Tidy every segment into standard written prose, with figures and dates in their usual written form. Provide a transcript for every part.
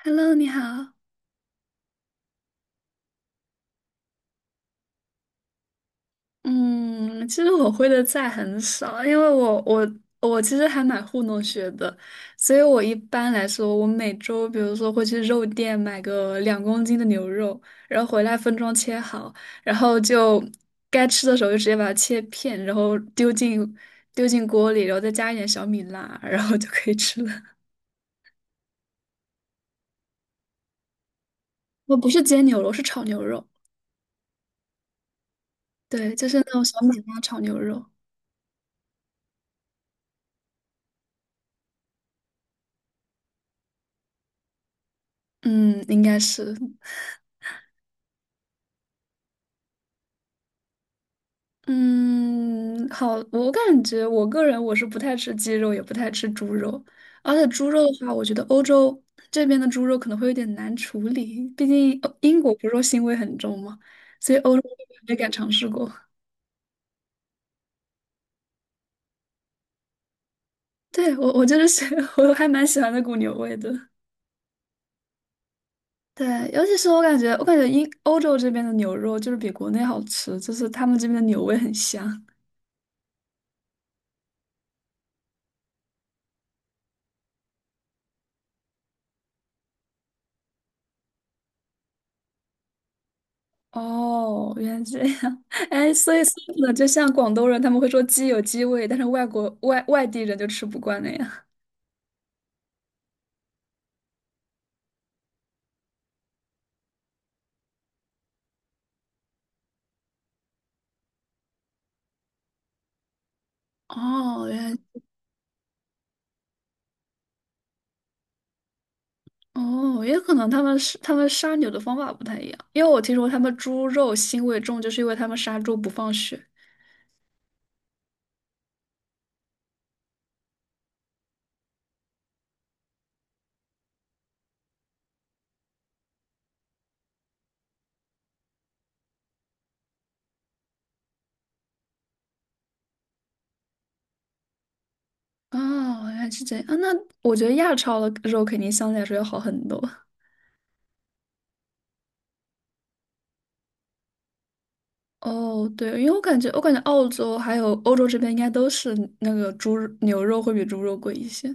Hello，你好。嗯，其实我会的菜很少，因为我其实还蛮糊弄学的，所以我一般来说，我每周比如说会去肉店买个2公斤的牛肉，然后回来分装切好，然后就该吃的时候就直接把它切片，然后丢进锅里，然后再加一点小米辣，然后就可以吃了。我不是煎牛肉，是炒牛肉，对，就是那种小米辣炒牛肉。嗯，应该是。嗯，好，我感觉我个人我是不太吃鸡肉，也不太吃猪肉，而且猪肉的话，我觉得欧洲这边的猪肉可能会有点难处理，毕竟英国不是说腥味很重嘛，所以欧洲这边没敢尝试过。对，我就是喜 我还蛮喜欢那股牛味的。对，尤其是我感觉欧洲这边的牛肉就是比国内好吃，就是他们这边的牛味很香。哦，原来这样，哎，所以呢，就像广东人他们会说鸡有鸡味，但是外国外外地人就吃不惯那样。哦，原来哦，也可能他们是他们杀牛的方法不太一样，因为我听说他们猪肉腥味重，就是因为他们杀猪不放血。哦，原来是这样啊，那我觉得亚超的肉肯定相对来说要好很多。哦，对，因为我感觉澳洲还有欧洲这边应该都是那个猪牛肉会比猪肉贵一些。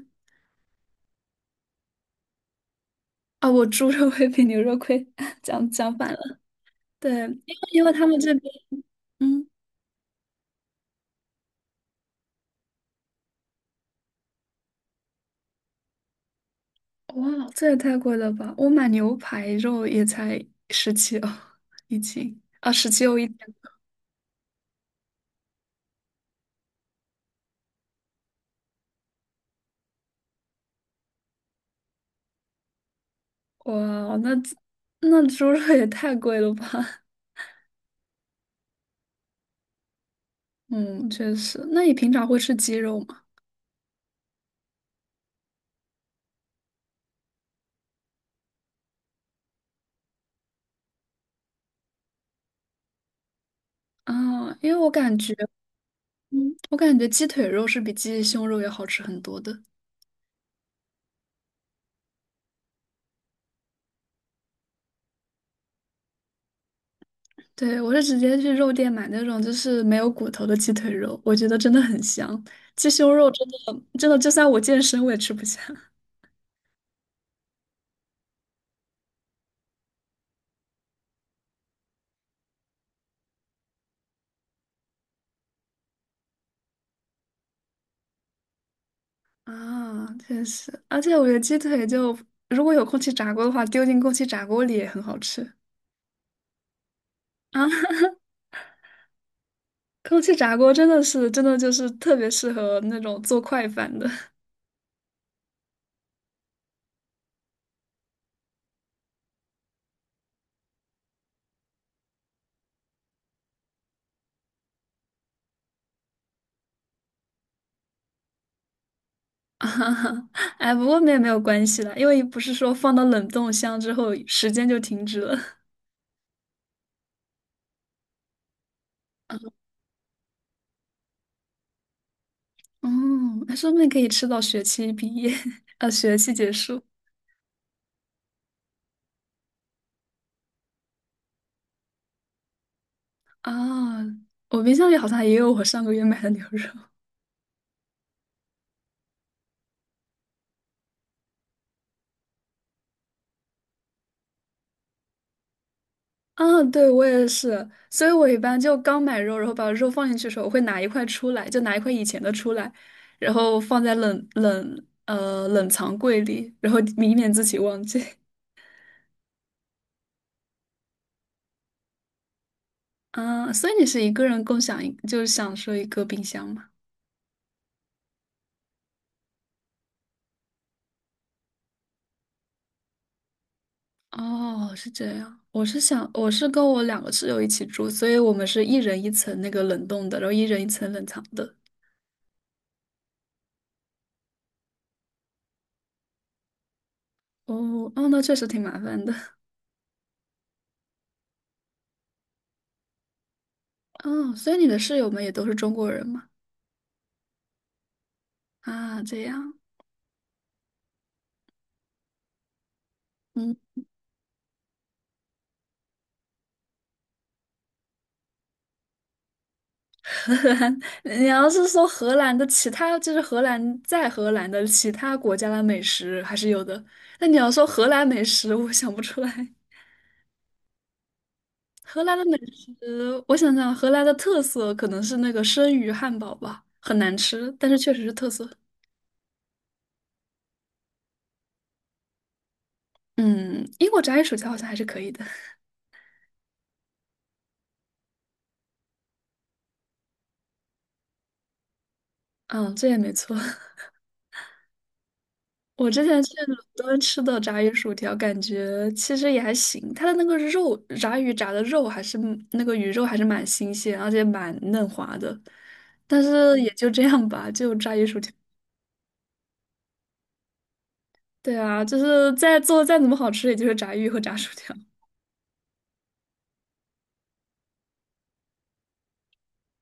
啊，我猪肉会比牛肉贵，讲反了。对，因为他们这边，嗯，哇，这也太贵了吧！我买牛排肉也才十七哦一斤，啊，17欧一斤，哇，那猪肉也太贵了吧？嗯，确实。那你平常会吃鸡肉吗？啊，因为我感觉，我感觉鸡腿肉是比鸡胸肉要好吃很多的。对，我是直接去肉店买那种就是没有骨头的鸡腿肉，我觉得真的很香。鸡胸肉真的真的，就算我健身我也吃不下 啊，确实。而且我觉得鸡腿就如果有空气炸锅的话，丢进空气炸锅里也很好吃啊。空气炸锅真的是真的就是特别适合那种做快饭的 啊。哎，不过那也没有关系啦，因为不是说放到冷冻箱之后时间就停止了。哦，那说不定可以吃到学期毕业，学期结束。啊，我冰箱里好像也有我上个月买的牛肉。啊，对，我也是，所以我一般就刚买肉，然后把肉放进去的时候，我会拿一块出来，就拿一块以前的出来，然后放在冷藏柜里，然后以免自己忘记。啊，所以你是一个人共享一，就是享受一个冰箱吗？哦，是这样。我是想，我是跟我两个室友一起住，所以我们是一人一层那个冷冻的，然后一人一层冷藏的。哦，哦，那确实挺麻烦的。哦，所以你的室友们也都是中国人吗？啊，这样，嗯，荷兰，你要是说荷兰的其他，就是荷兰在荷兰的其他国家的美食还是有的，那你要说荷兰美食，我想不出来。荷兰的美食，我想想，荷兰的特色可能是那个生鱼汉堡吧，很难吃，但是确实是特色。嗯，英国炸鱼薯条好像还是可以的。嗯，这也没错。我之前去伦敦吃的炸鱼薯条，感觉其实也还行。它的那个肉，炸鱼炸的肉还是那个鱼肉还是蛮新鲜，而且蛮嫩滑的。但是也就这样吧，就炸鱼薯条。对啊，就是再做再怎么好吃，也就是炸鱼和炸薯条。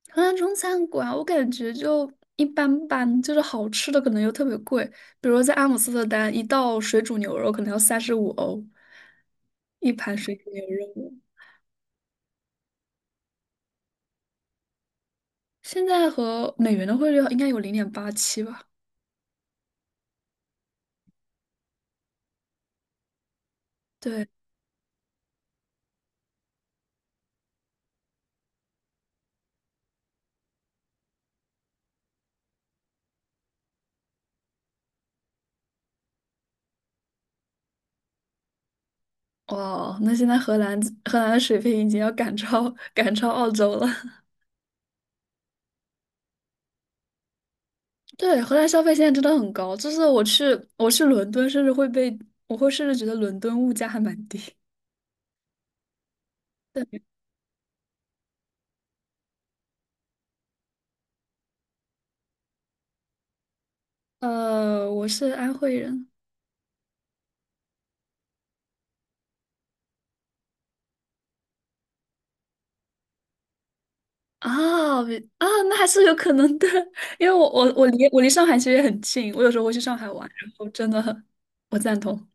荷兰中餐馆我感觉就一般般，就是好吃的可能又特别贵。比如说在阿姆斯特丹，一道水煮牛肉可能要35欧一盘水煮牛肉。现在和美元的汇率应该有0.87吧？对，哇，那现在荷兰的水平已经要赶超澳洲了。对，荷兰消费现在真的很高，就是我去伦敦，甚至会被我会甚至觉得伦敦物价还蛮低。我是安徽人啊比啊，那还是有可能的，因为我离上海其实也很近，我有时候会去上海玩，然后真的很我赞同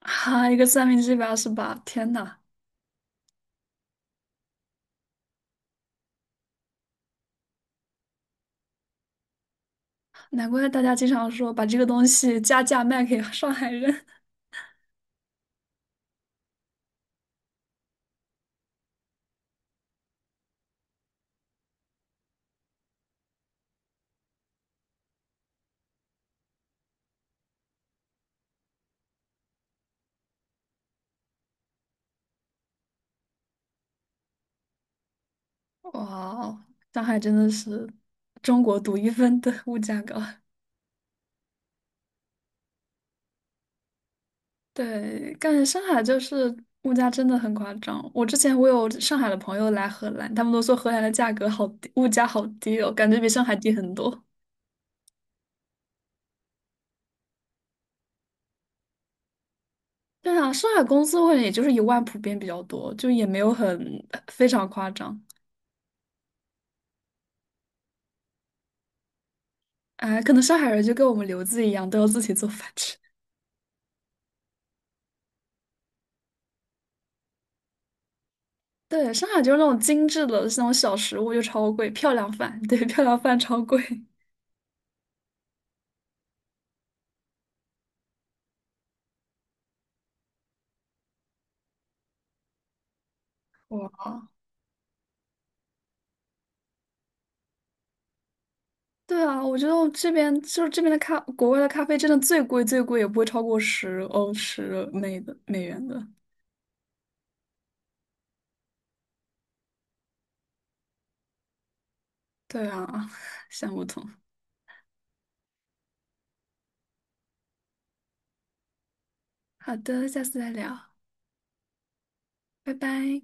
啊，一个三明治128，天呐！难怪大家经常说把这个东西加价卖给上海人。哇哦，上海真的是中国独一份的物价高。对，感觉上海就是物价真的很夸张。我之前我有上海的朋友来荷兰，他们都说荷兰的价格好低，物价好低哦，感觉比上海低很多。对啊，上海工资会也就是1万普遍比较多，就也没有很非常夸张。哎，可能上海人就跟我们留子一样，都要自己做饭吃。对，上海就是那种精致的那种小食物就超贵，漂亮饭，对，漂亮饭超贵。哇，对啊，我觉得我这边就是这边的咖，国外的咖啡真的最贵，也不会超过10欧十美的美元的。对啊，想不通。好的，下次再聊，拜拜。